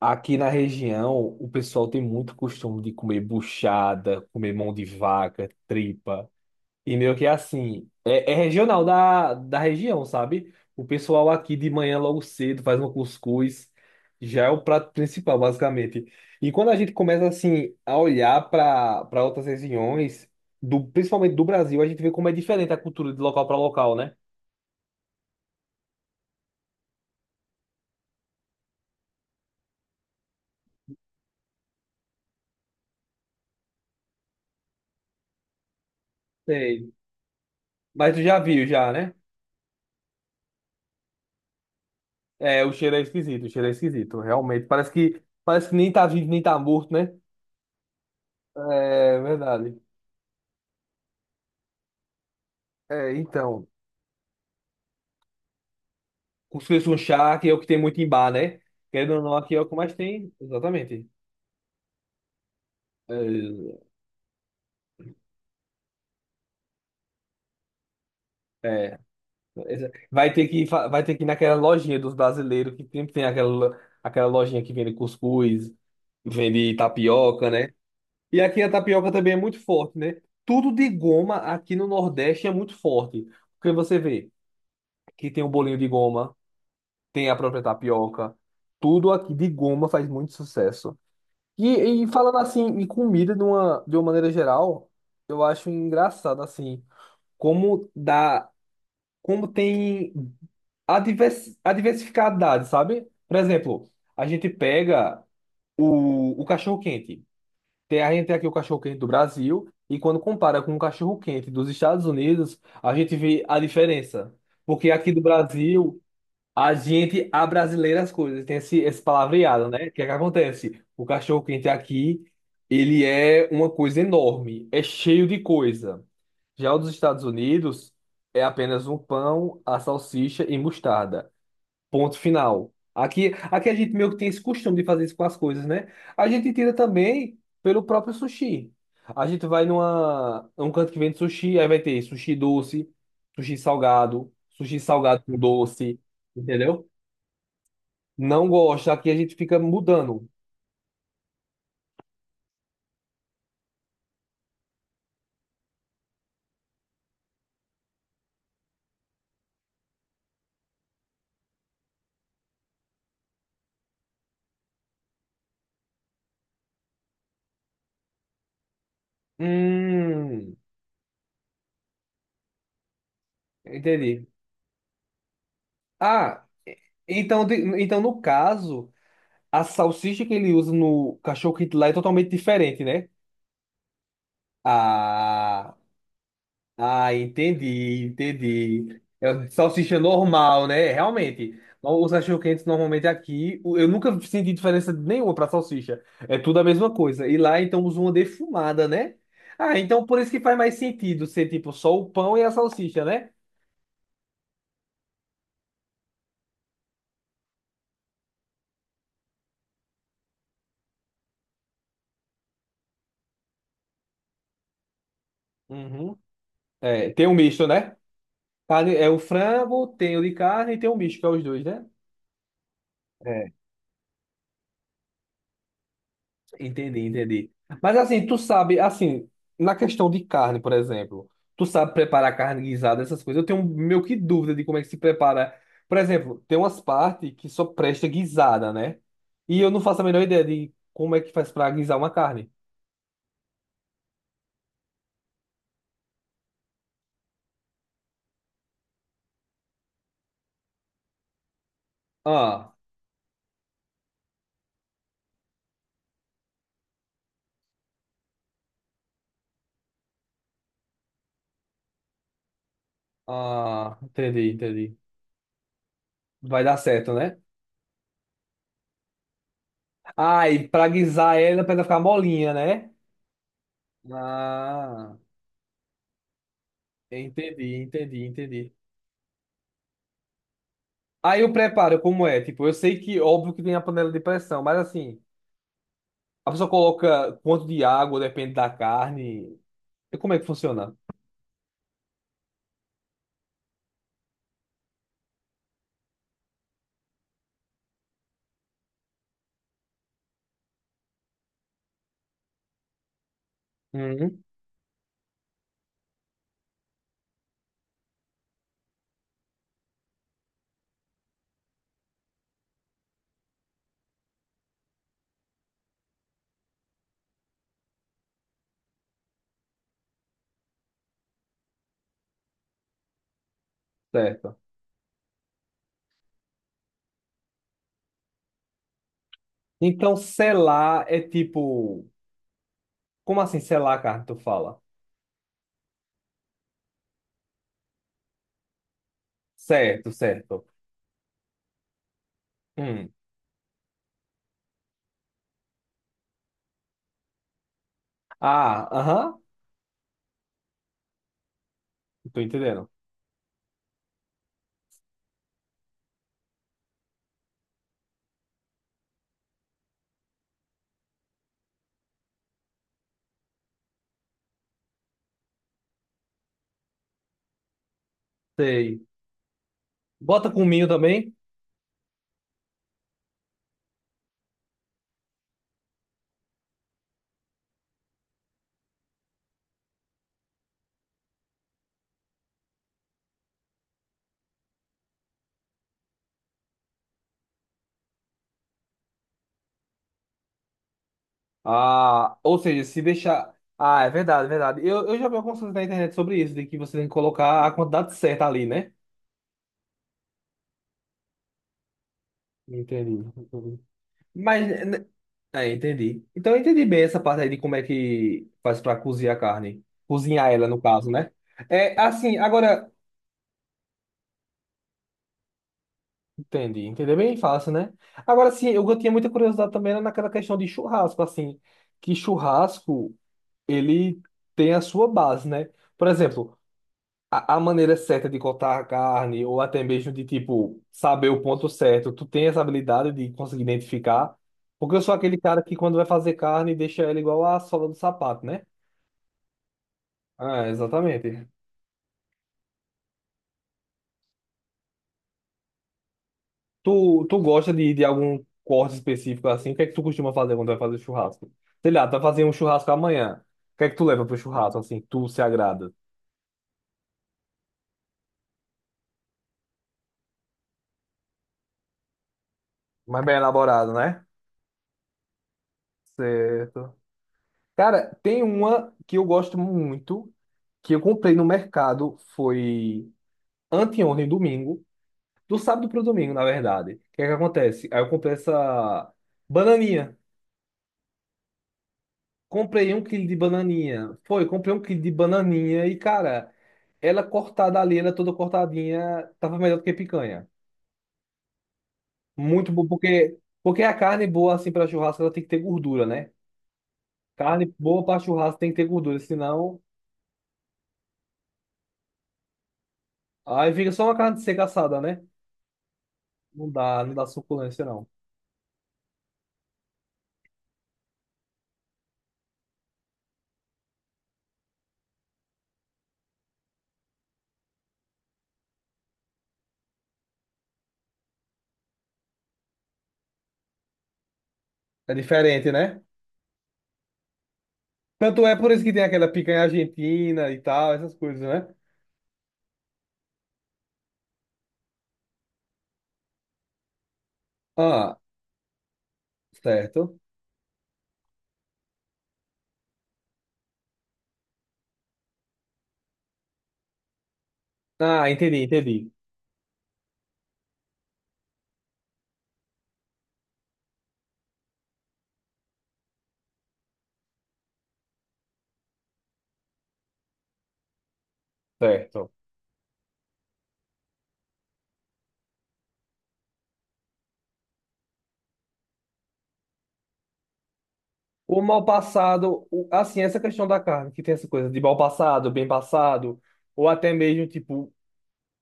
Aqui na região, o pessoal tem muito costume de comer buchada, comer mão de vaca, tripa. E meio que assim, é regional da região, sabe? O pessoal aqui de manhã logo cedo faz um cuscuz, já é o prato principal, basicamente. E quando a gente começa assim a olhar para outras regiões, do, principalmente do Brasil, a gente vê como é diferente a cultura de local para local, né? Sei. Mas tu já viu já, né? É, o cheiro é esquisito, o cheiro é esquisito, realmente. Parece que nem tá vivo, nem tá morto, né? É verdade. É, então, cuscuz com chá, que é o que tem muito em bar, né? Querendo ou não, aqui é o que mais tem, exatamente. É, é. Vai ter vai ter que ir naquela lojinha dos brasileiros, que sempre tem aquela lojinha que vende cuscuz, vende tapioca, né? E aqui a tapioca também é muito forte, né? Tudo de goma aqui no Nordeste é muito forte. Porque você vê que tem o bolinho de goma. Tem a própria tapioca. Tudo aqui de goma faz muito sucesso. E falando assim, em comida de uma maneira geral, eu acho engraçado assim, como dá, como tem a diversificadade, sabe? Por exemplo, a gente pega o cachorro-quente. Tem, a gente tem aqui o cachorro-quente do Brasil, e quando compara com o cachorro-quente dos Estados Unidos, a gente vê a diferença. Porque aqui do Brasil. A gente abrasileira as coisas, tem esse, esse palavreado, né? O que é que acontece? O cachorro quente aqui, ele é uma coisa enorme, é cheio de coisa. Já o dos Estados Unidos é apenas um pão, a salsicha e mostarda. Ponto final. Aqui, aqui a gente meio que tem esse costume de fazer isso com as coisas, né? A gente tira também pelo próprio sushi. A gente vai numa, num canto que vende sushi, aí vai ter sushi doce, sushi salgado com doce, entendeu? Não gosto. Aqui a gente fica mudando. Hum, entendi. Ah, e- então, então no caso, a salsicha que ele usa no cachorro quente lá é totalmente diferente, né? Ah, ah, entendi, entendi. É salsicha normal, né? Realmente. Os cachorro quentes normalmente aqui, eu nunca senti diferença nenhuma para salsicha. É tudo a mesma coisa. E lá então usa uma defumada, né? Ah, então por isso que faz mais sentido ser tipo só o pão e a salsicha, né? Uhum. É, tem um misto, né? Carne, é o frango, tem o de carne e tem o misto, que é os dois, né? É. Entendi, entendi. Mas assim, tu sabe, assim, na questão de carne, por exemplo, tu sabe preparar carne guisada, essas coisas. Eu tenho meio que dúvida de como é que se prepara. Por exemplo, tem umas partes que só presta guisada, né? E eu não faço a menor ideia de como é que faz pra guisar uma carne. Ah, ah, entendi, entendi. Vai dar certo, né? Ah, e pra guisar ela, pra ela ficar molinha, né? Ah, entendi, entendi, entendi. Aí o preparo, como é? Tipo, eu sei que óbvio que tem a panela de pressão, mas assim, a pessoa coloca quanto de água, depende da carne. E como é que funciona? Uhum. Certo. Então, selar é tipo. Como assim selar a carne, tu fala? Certo, certo. Hum. Ah, aham. Tô entendendo. Sei. Bota cominho também? Ah, ou seja, se deixar. Ah, é verdade, é verdade. Eu já vi algumas coisas na internet sobre isso, de que você tem que colocar a quantidade certa ali, né? Entendi, entendi. Mas. né, É, entendi. Então eu entendi bem essa parte aí de como é que faz pra cozinhar a carne. Cozinhar ela, no caso, né? É assim, agora. Entendi, entender bem fácil, né? Agora sim, eu tinha muita curiosidade também era naquela questão de churrasco, assim. Que churrasco, ele tem a sua base, né? Por exemplo. A maneira certa de cortar a carne, ou até mesmo de, tipo, saber o ponto certo. Tu tem essa habilidade de conseguir identificar? Porque eu sou aquele cara que quando vai fazer carne, deixa ela igual a sola do sapato, né? Ah, exatamente. Tu gosta de algum corte específico assim? O que é que tu costuma fazer quando vai fazer churrasco? Sei lá, tu vai fazer um churrasco amanhã. O que é que tu leva pro churrasco, assim, que tu se agrada? Mais bem elaborado, né? Certo. Cara, tem uma que eu gosto muito, que eu comprei no mercado, foi anteontem, domingo, do sábado pro domingo, na verdade. O que é que acontece? Aí eu comprei essa bananinha. Comprei um quilo de bananinha. Foi, comprei um quilo de bananinha e, cara, ela cortada ali, ela é toda cortadinha, tava melhor do que picanha. Muito bom, porque, porque a carne boa, assim, pra churrasco, ela tem que ter gordura, né? Carne boa pra churrasco tem que ter gordura, senão... Aí fica só uma carne seca assada, né? Não dá, não dá suculência, não. É diferente, né? Tanto é por isso que tem aquela picanha argentina e tal, essas coisas, né? Ah, certo. Ah, entendi, entendi. Certo. O mal passado, assim, essa questão da carne, que tem essa coisa de mal passado, bem passado, ou até mesmo, tipo,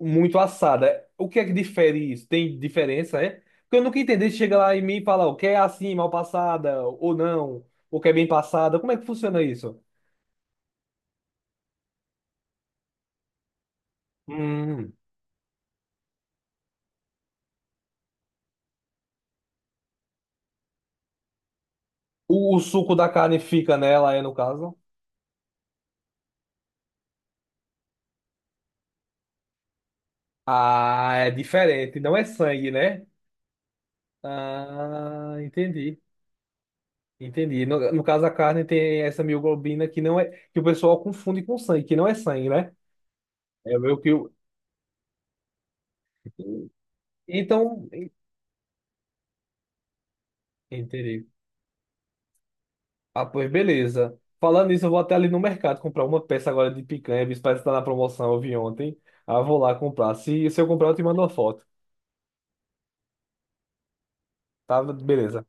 muito assada. O que é que difere isso? Tem diferença, é? Porque eu nunca entendi, chega lá em mim e fala, o que é assim, mal passada, ou não, o que é bem passada. Como é que funciona isso? O suco da carne fica nela, é no caso? Ah, é diferente, não é sangue, né? Ah, entendi. Entendi. No, no caso, a carne tem essa mioglobina que não é, que o pessoal confunde com sangue, que não é sangue, né? É meio que o. Então, en- entendi. Ah, pois beleza. Falando nisso, eu vou até ali no mercado comprar uma peça agora de picanha, visto que parece que tá na promoção, eu vi ontem. Ah, eu vou lá comprar. Se eu comprar, eu te mando uma foto. Tá? Beleza.